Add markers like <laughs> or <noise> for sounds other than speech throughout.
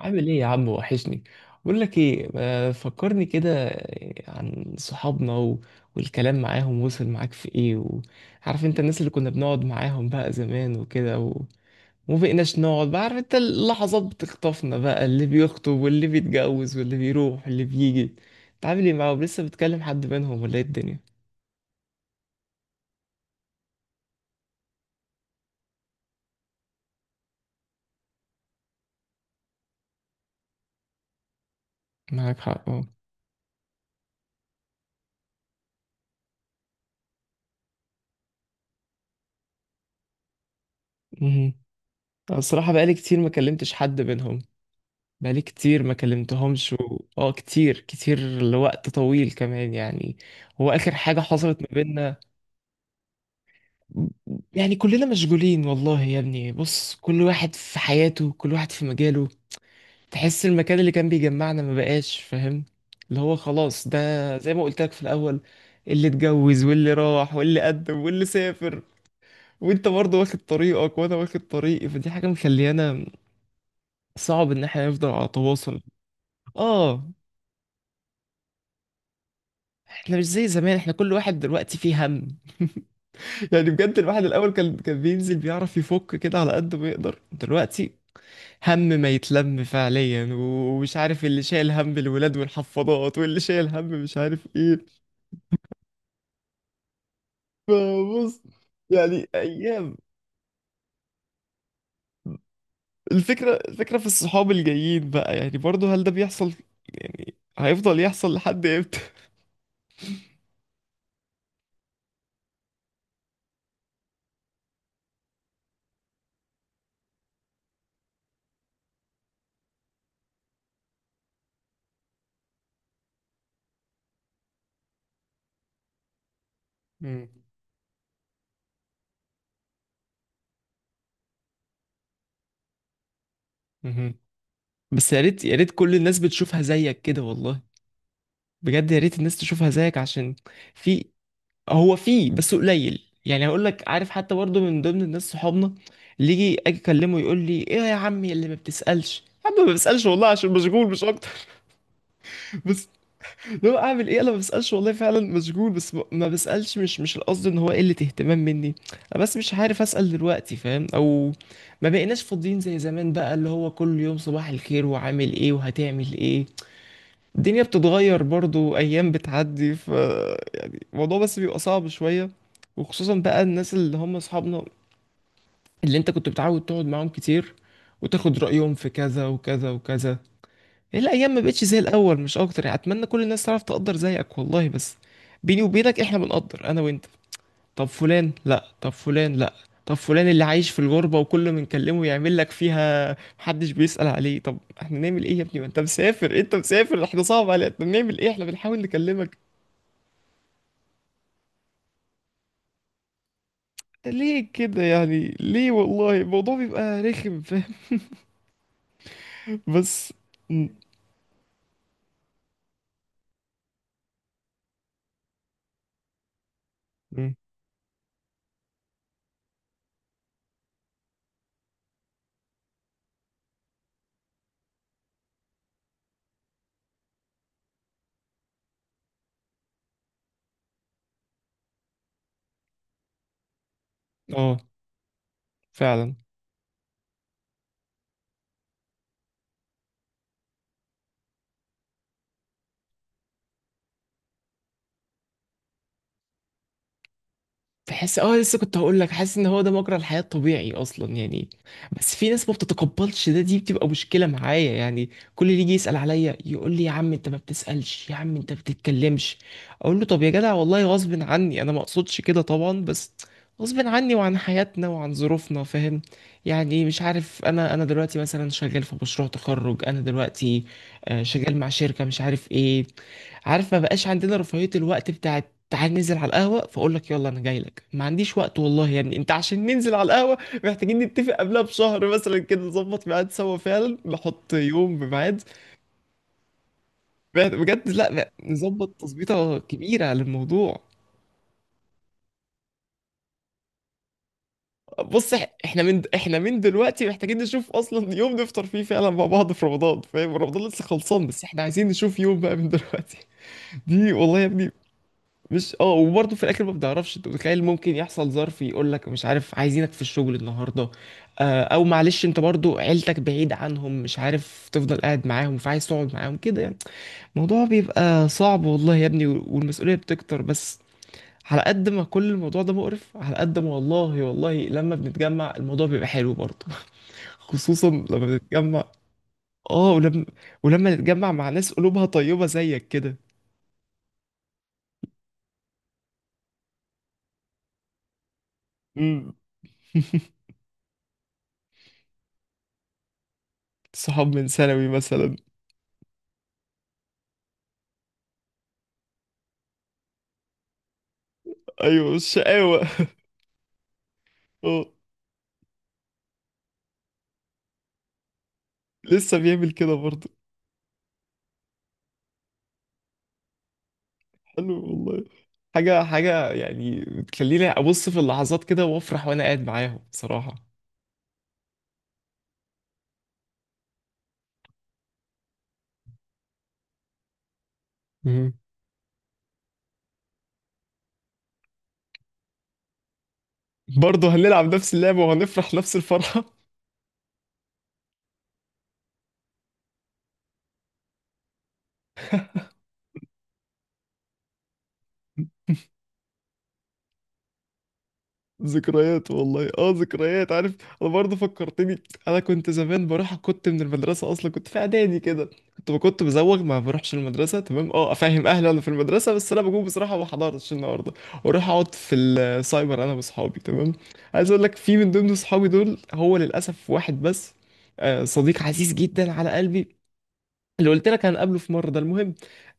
عامل ايه يا عم؟ وحشني. بقول لك ايه، ما فكرني كده عن صحابنا والكلام معاهم. وصل معاك في ايه؟ وعارف انت الناس اللي كنا بنقعد معاهم بقى زمان وكده وما بقيناش نقعد بقى. عارف انت اللحظات بتخطفنا بقى، اللي بيخطب واللي بيتجوز واللي بيروح واللي بيجي. انت عامل ايه معاهم؟ لسه بتكلم حد منهم ولا ايه الدنيا؟ معاك حق، اه. مهم. أنا الصراحة بقالي كتير ما كلمتش حد منهم، بقالي كتير ما كلمتهمش اه، كتير كتير لوقت طويل كمان يعني. هو اخر حاجة حصلت ما بيننا يعني كلنا مشغولين والله يا ابني. بص، كل واحد في حياته، كل واحد في مجاله. تحس المكان اللي كان بيجمعنا ما بقاش، فاهم؟ اللي هو خلاص ده، زي ما قلت لك في الاول، اللي اتجوز واللي راح واللي قدم واللي سافر، وانت برضه واخد طريقك وانا واخد طريقي. فدي حاجة مخليانا صعب ان احنا نفضل على تواصل. اه، احنا مش زي زمان، احنا كل واحد دلوقتي فيه هم <laughs> يعني بجد الواحد الاول كان بينزل بيعرف يفك كده على قد ما يقدر. دلوقتي هم ما يتلم فعليا، ومش عارف اللي شايل هم الولاد والحفاضات، واللي شايل هم مش عارف ايه. فبص، يعني ايام. الفكرة، الفكرة في الصحاب الجايين بقى، يعني برضه هل ده بيحصل؟ يعني هيفضل يحصل لحد امتى؟ مم. مهم. بس يا ريت، يا ريت كل الناس بتشوفها زيك كده والله. بجد يا ريت الناس تشوفها زيك عشان. في، هو فيه بس قليل. يعني هقول لك، عارف حتى برضه من ضمن الناس صحابنا، اللي يجي اجي اكلمه يقول لي ايه يا عمي اللي ما بتسالش. يا عم ما بسالش والله عشان مشغول مش اكتر. <laughs> بس لو اعمل ايه؟ انا ما بسالش والله فعلا مشغول، بس ما بسالش، مش القصد ان هو قله اهتمام مني. انا بس مش عارف اسال دلوقتي، فاهم؟ او ما بقيناش فاضيين زي زمان بقى، اللي هو كل يوم صباح الخير، وعامل ايه وهتعمل ايه. الدنيا بتتغير برضو، ايام بتعدي، ف يعني الموضوع بس بيبقى صعب شوية. وخصوصا بقى الناس اللي هم اصحابنا، اللي انت كنت بتعود تقعد معاهم كتير، وتاخد رأيهم في كذا وكذا وكذا. هي الايام ما بقتش زي الاول، مش اكتر يعني. اتمنى كل الناس تعرف تقدر زيك والله بس. بيني وبينك احنا بنقدر، انا وانت. طب فلان، لا. طب فلان، لا. طب فلان اللي عايش في الغربة وكل ما نكلمه يعمل لك فيها محدش بيسأل عليه. طب احنا نعمل ايه يا ابني؟ ما انت مسافر، انت مسافر، احنا صعب علينا، احنا بنعمل ايه؟ احنا بنحاول نكلمك. ليه كده يعني؟ ليه؟ والله الموضوع بيبقى رخم، فاهم؟ <laughs> بس م- م. اه فعلا، بحس اه لسه كنت هقول لك حاسس ان هو ده مجرى الحياة الطبيعي اصلا يعني. بس في ناس ما بتتقبلش ده، دي بتبقى مشكلة معايا يعني. كل اللي يجي يسأل عليا يقول لي يا عم انت ما بتسألش، يا عم انت ما بتتكلمش. اقول له طب يا جدع، والله غصب عني، انا ما اقصدش كده طبعا، بس غصب عني وعن حياتنا وعن ظروفنا، فاهم؟ يعني مش عارف، انا دلوقتي مثلا شغال في مشروع تخرج، انا دلوقتي آه، شغال مع شركة مش عارف ايه. عارف ما بقاش عندنا رفاهية الوقت بتاعت تعال ننزل على القهوة، فأقول لك يلا أنا جاي لك. ما عنديش وقت والله يا ابني. أنت عشان ننزل على القهوة محتاجين نتفق قبلها بشهر مثلا كده، نظبط ميعاد سوا فعلا، نحط يوم بميعاد. بجد، لا، نظبط تظبيطة كبيرة للموضوع. بص، احنا من دلوقتي محتاجين نشوف اصلا يوم نفطر فيه فعلا مع بعض في رمضان. فاهم؟ رمضان لسه خلصان بس احنا عايزين نشوف يوم بقى من دلوقتي. <laughs> دي والله يا ابني. مش اه وبرضه في الاخر ما بتعرفش، انت متخيل؟ ممكن يحصل ظرف يقول لك مش عارف عايزينك في الشغل النهارده، آه، او معلش انت برضه عيلتك بعيد عنهم مش عارف تفضل قاعد معاهم، فعايز تقعد معاهم كده يعني. الموضوع بيبقى صعب والله يا ابني، والمسؤوليه بتكتر بس. على قد ما كل الموضوع ده مقرف، على قد ما والله والله لما بنتجمع الموضوع بيبقى حلو برضه. <laughs> خصوصا لما بنتجمع. اه، ولما نتجمع مع ناس قلوبها طيبه زيك كده. امم. <laughs> صحاب من ثانوي مثلا. ايوه، الشقاوة. <laughs> اه لسه بيعمل كده برضه. حلو والله. حاجة، حاجة يعني بتخليني أبص في اللحظات كده وأفرح وأنا قاعد معاهم بصراحة. مم. برضه هنلعب نفس اللعبة وهنفرح نفس الفرحة. <laughs> ذكريات والله، اه ذكريات. عارف، انا برضه فكرتني. انا كنت زمان بروح، كنت من المدرسه اصلا كنت في اعدادي كده. كنت بزوغ، ما بروحش المدرسه، تمام، اه، افهم اهلي انا في المدرسه بس انا بجوم بصراحه ما حضرتش النهارده. واروح اقعد في السايبر انا واصحابي، تمام. عايز اقول لك في من ضمن اصحابي دول، هو للاسف واحد بس، آه، صديق عزيز جدا على قلبي. اللي قلت لك هنقابله في مرة، ده المهم.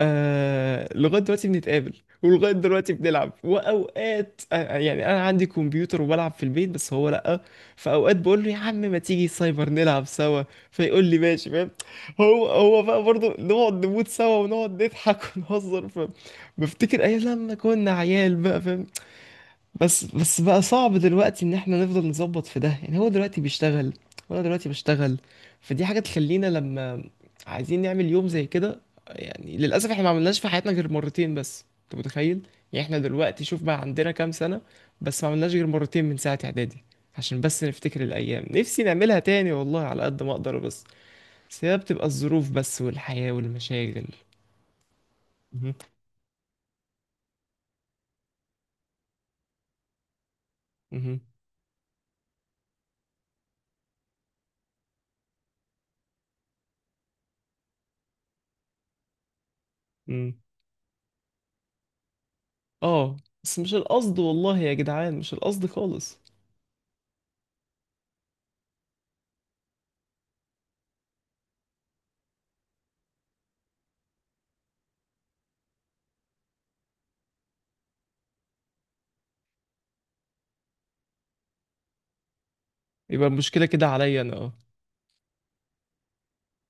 آه لغاية دلوقتي بنتقابل. ولغاية دلوقتي بنلعب، وأوقات آه يعني أنا عندي كمبيوتر وبلعب في البيت بس هو لأ. فأوقات بقول له يا عم ما تيجي سايبر نلعب سوا. فيقول لي ماشي، فاهم؟ هو بقى برضه نقعد نموت سوا ونقعد نضحك <laughs> ونهزر بفتكر أيام لما كنا عيال بقى، فاهم؟ بس بقى صعب دلوقتي ان احنا نفضل نظبط في ده يعني. هو دلوقتي بيشتغل وانا دلوقتي بشتغل. فدي حاجة تخلينا لما عايزين نعمل يوم زي كده. يعني للأسف احنا ما عملناش في حياتنا غير مرتين بس، انت متخيل؟ يعني احنا دلوقتي شوف بقى عندنا كام سنة. بس ما عملناش غير مرتين من ساعة اعدادي. عشان بس نفتكر الأيام. نفسي نعملها تاني والله، على قد ما أقدر بس. بس هي بتبقى الظروف بس، والحياة والمشاغل. مهم. مهم. مم. اه بس مش القصد والله يا جدعان، مش القصد خالص. يبقى المشكلة كده عليا انا، اه.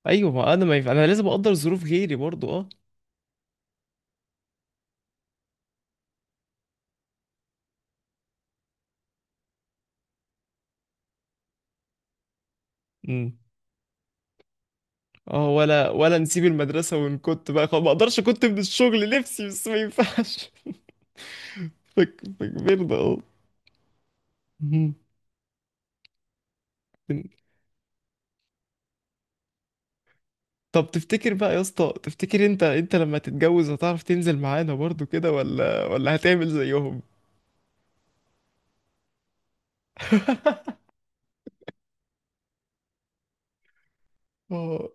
ايوه، ما انا ما ينفع، انا لازم اقدر ظروف غيري برضو، اه. امم. اه، ولا نسيب المدرسة ونكت بقى؟ خلاص ما اقدرش، كنت من الشغل نفسي بس ما ينفعش. <laughs> فكبرنا، اه. مم. طب تفتكر بقى يا اسطى؟ تفتكر انت لما تتجوز هتعرف تنزل معانا برضو كده، ولا هتعمل زيهم؟ اه،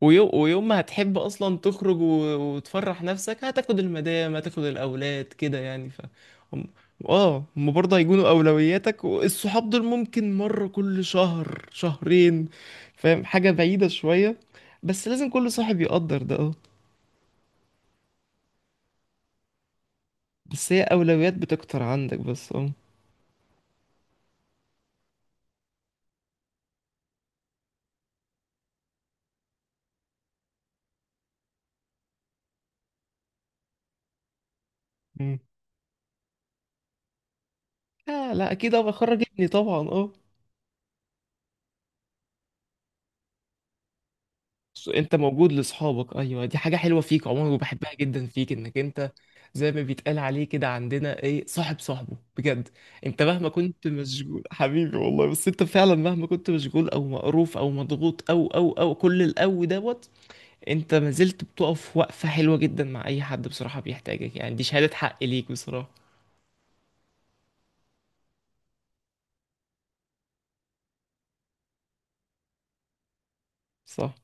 ويوم، ويوم ما هتحب اصلا تخرج وتفرح نفسك هتاخد المدام، هتاخد الاولاد كده يعني ف هم... اه، هم برضه هيكونوا اولوياتك، والصحاب دول ممكن مره كل شهر شهرين، فاهم؟ حاجه بعيده شويه. بس لازم كل صاحب يقدر ده، اه. بس هي اولويات بتكتر عندك بس، اه. مم. لا، لا اكيد ابقى اخرج ابني طبعا، اه. انت موجود لاصحابك، ايوه، دي حاجه حلوه فيك عموما وبحبها جدا فيك، انك انت زي ما بيتقال عليه كده عندنا ايه، صاحب صاحبه بجد. انت مهما كنت مشغول حبيبي والله، بس انت فعلا مهما كنت مشغول او مقروف او مضغوط او او او كل الاو دوت، انت ما زلت بتقف وقفه حلوه جدا مع اي حد بصراحه بيحتاجك، يعني دي شهاده حق ليك بصراحه. صح.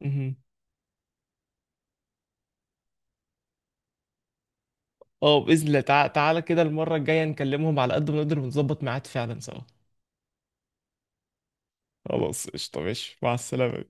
مهم. اه باذن الله تعالى، كده المره الجايه نكلمهم على قد ما نقدر، ونظبط ميعاد فعلا سوا. خلاص، قشطه، ماشي، مع السلامه.